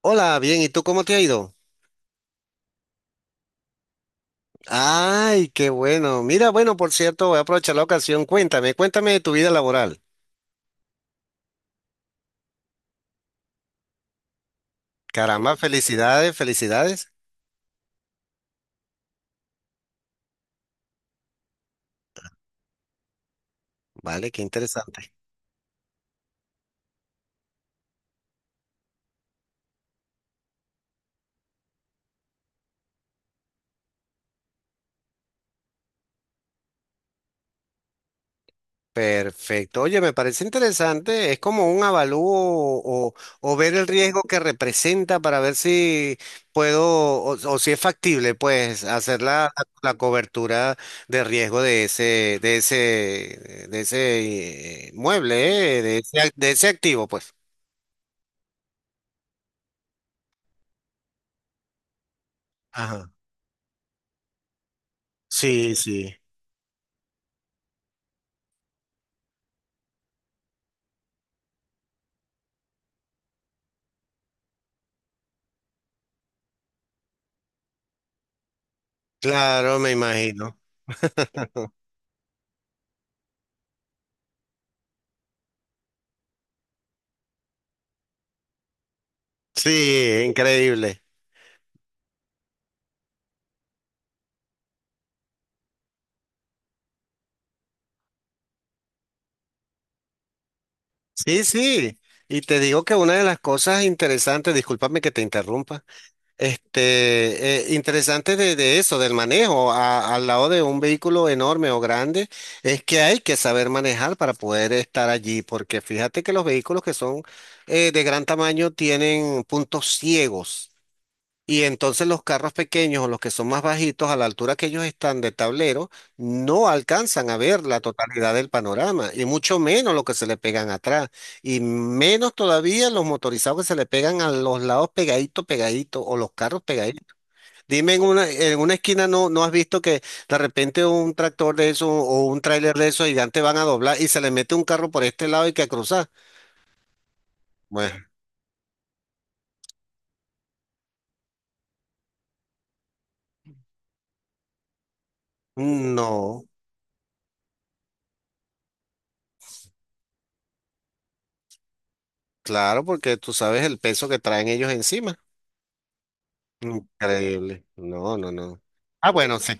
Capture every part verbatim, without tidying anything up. Hola, bien, ¿y tú cómo te ha ido? Ay, qué bueno. Mira, bueno, por cierto, voy a aprovechar la ocasión. Cuéntame, cuéntame de tu vida laboral. Caramba, felicidades, felicidades. Vale, qué interesante. Perfecto. Oye, me parece interesante. Es como un avalúo o, o ver el riesgo que representa para ver si puedo o, o si es factible, pues, hacer la, la cobertura de riesgo de ese, de ese, de ese eh, mueble, eh, de ese, ac- de ese activo, pues. Ajá. Sí, sí, claro, me imagino. Sí, increíble. Sí, sí. Y te digo que una de las cosas interesantes, discúlpame que te interrumpa, este, eh, interesante de, de eso, del manejo a- al lado de un vehículo enorme o grande, es que hay que saber manejar para poder estar allí, porque fíjate que los vehículos que son eh, de gran tamaño tienen puntos ciegos. Y entonces los carros pequeños o los que son más bajitos, a la altura que ellos están de tablero, no alcanzan a ver la totalidad del panorama, y mucho menos lo que se le pegan atrás, y menos todavía los motorizados que se le pegan a los lados pegadito, pegadito, o los carros pegaditos. Dime, en una, en una esquina no, no has visto que de repente un tractor de eso o un tráiler de esos gigantes van a doblar y se le mete un carro por este lado y que a cruzar. Bueno, no, claro, porque tú sabes el peso que traen ellos encima. Increíble. No, no, no. Ah, bueno, sí.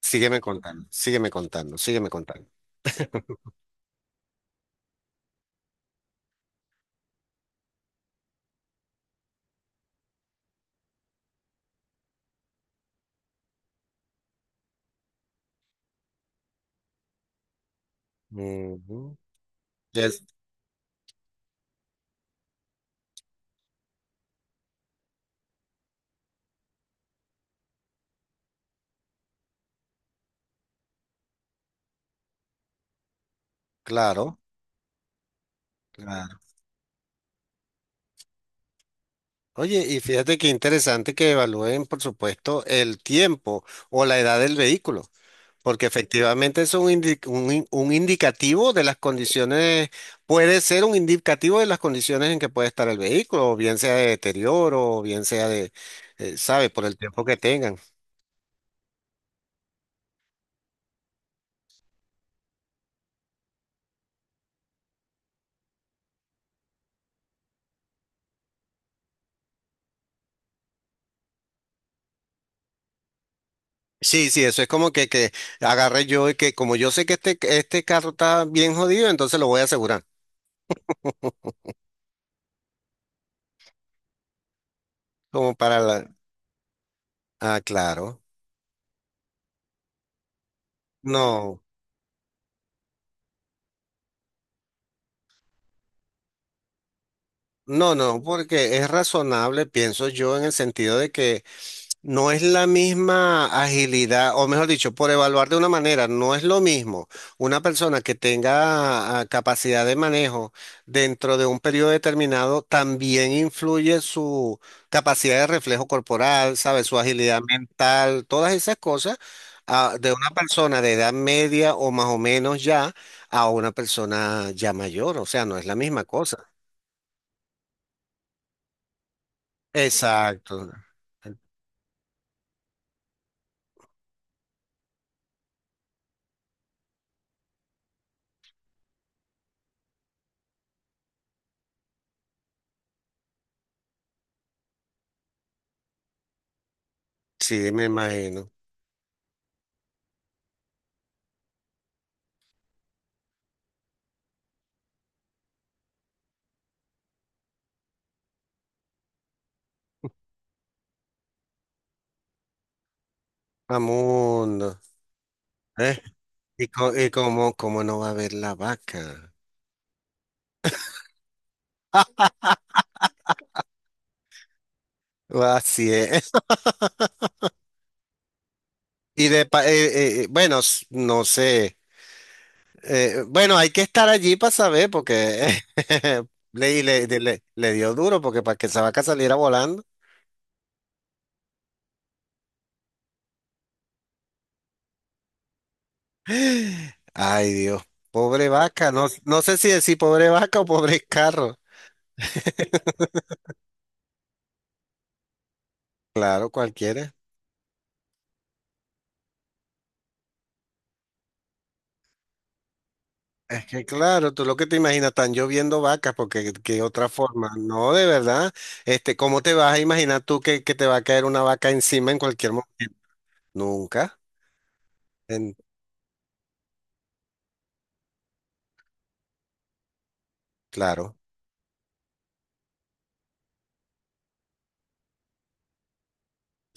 Sígueme contando, sígueme contando, sígueme contando. Ujú. Yes, claro, claro. Oye, y fíjate qué interesante que evalúen, por supuesto, el tiempo o la edad del vehículo, porque efectivamente es un, indi- un, in- un indicativo de las condiciones, puede ser un indicativo de las condiciones en que puede estar el vehículo, o bien sea de deterioro, o bien sea de, eh, ¿sabes? Por el tiempo que tengan. Sí, sí, eso es como que, que agarré yo y que como yo sé que este, este carro está bien jodido, entonces lo voy a asegurar. Como para la. Ah, claro. No. No, no, porque es razonable, pienso yo, en el sentido de que no es la misma agilidad, o mejor dicho, por evaluar de una manera, no es lo mismo una persona que tenga ah, capacidad de manejo dentro de un periodo determinado, también influye su capacidad de reflejo corporal, sabe, su agilidad mental, todas esas cosas, ah, de una persona de edad media o más o menos ya a una persona ya mayor, o sea, no es la misma cosa. Exacto. Sí, me imagino. Amundo. ¿Eh? Y, co- y cómo, cómo no va a haber la vaca. Ah, así es. Y de pa- eh, eh, bueno, s- no sé. Eh, bueno, hay que estar allí para saber, porque le, y le, de- le- le dio duro, porque para que esa vaca saliera volando. Ay, Dios. Pobre vaca. No, no sé si decir pobre vaca o pobre carro. Claro, cualquiera. Es que claro, tú lo que te imaginas, están lloviendo vacas, porque qué otra forma, no, de verdad, este, ¿cómo te vas a imaginar tú que, que te va a caer una vaca encima en cualquier momento? Nunca, en, claro,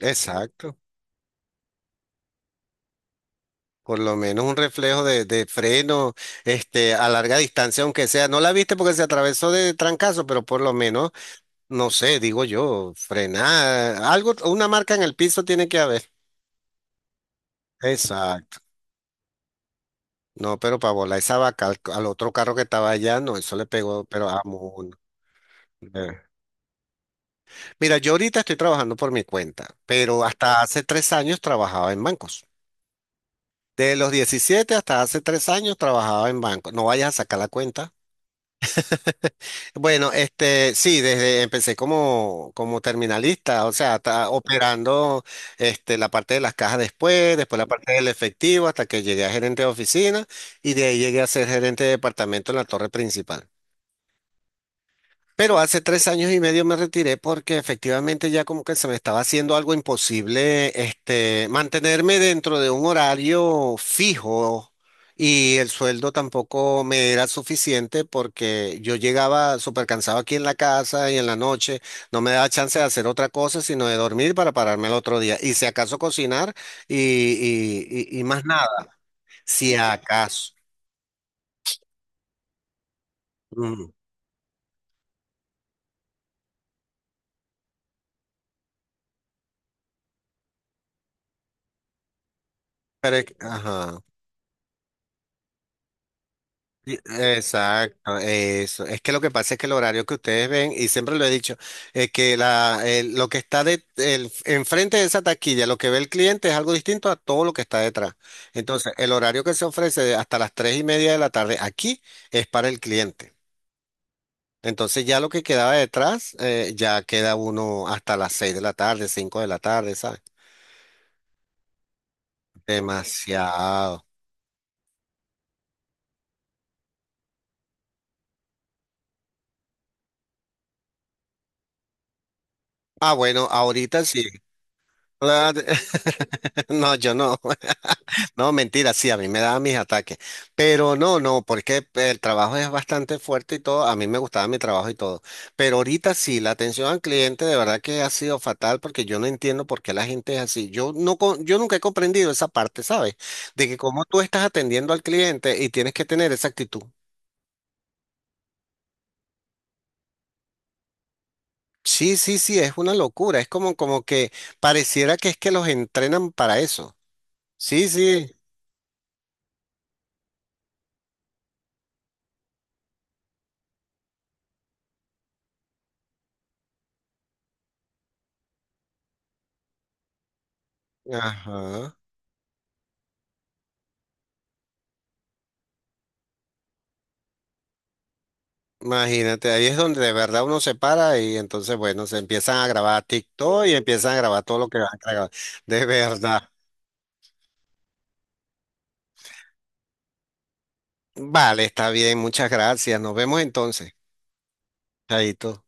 exacto, por lo menos un reflejo de, de freno, este, a larga distancia, aunque sea, no la viste porque se atravesó de trancazo, pero por lo menos, no sé, digo yo, frenar, algo, una marca en el piso tiene que haber. Exacto. No, pero para volar esa vaca al, al otro carro que estaba allá, no, eso le pegó, pero a uno. Eh. Mira, yo ahorita estoy trabajando por mi cuenta, pero hasta hace tres años trabajaba en bancos. De los diecisiete hasta hace tres años trabajaba en bancos. No vayas a sacar la cuenta. Bueno, este, sí, desde empecé como, como terminalista, o sea, ta- operando, este, la parte de las cajas después, después la parte del efectivo, hasta que llegué a gerente de oficina y de ahí llegué a ser gerente de departamento en la torre principal. Pero hace tres años y medio me retiré porque efectivamente ya como que se me estaba haciendo algo imposible, este, mantenerme dentro de un horario fijo y el sueldo tampoco me era suficiente porque yo llegaba súper cansado aquí en la casa y en la noche no me daba chance de hacer otra cosa sino de dormir para pararme el otro día y si acaso cocinar y, y, y- y más nada, si acaso. Ujú. Pero, es que- ajá. Y- Exacto, eso. Es que lo que pasa es que el horario que ustedes ven, y siempre lo he dicho, es que la, el- lo que está de, el- enfrente de esa taquilla, lo que ve el cliente es algo distinto a todo lo que está detrás. Entonces, el horario que se ofrece de hasta las tres y media de la tarde aquí es para el cliente. Entonces, ya lo que quedaba detrás, eh, ya queda uno hasta las seis de la tarde, cinco de la tarde, ¿sabes? Demasiado. Ah, bueno, ahorita sí. No, yo no. No, mentira, sí, a mí me daban mis ataques. Pero no, no, porque el trabajo es bastante fuerte y todo. A mí me gustaba mi trabajo y todo. Pero ahorita sí, la atención al cliente de verdad que ha sido fatal porque yo no entiendo por qué la gente es así. Yo no, con- yo nunca he comprendido esa parte, ¿sabes? De que cómo tú estás atendiendo al cliente y tienes que tener esa actitud. Sí, sí, sí, es una locura. Es como, como que pareciera que es que los entrenan para eso. Sí, sí. Ajá. Imagínate, ahí es donde de verdad uno se para y entonces, bueno, se empiezan a grabar TikTok y empiezan a grabar todo lo que van a grabar. De verdad. Vale, está bien, muchas gracias. Nos vemos entonces. Chaito.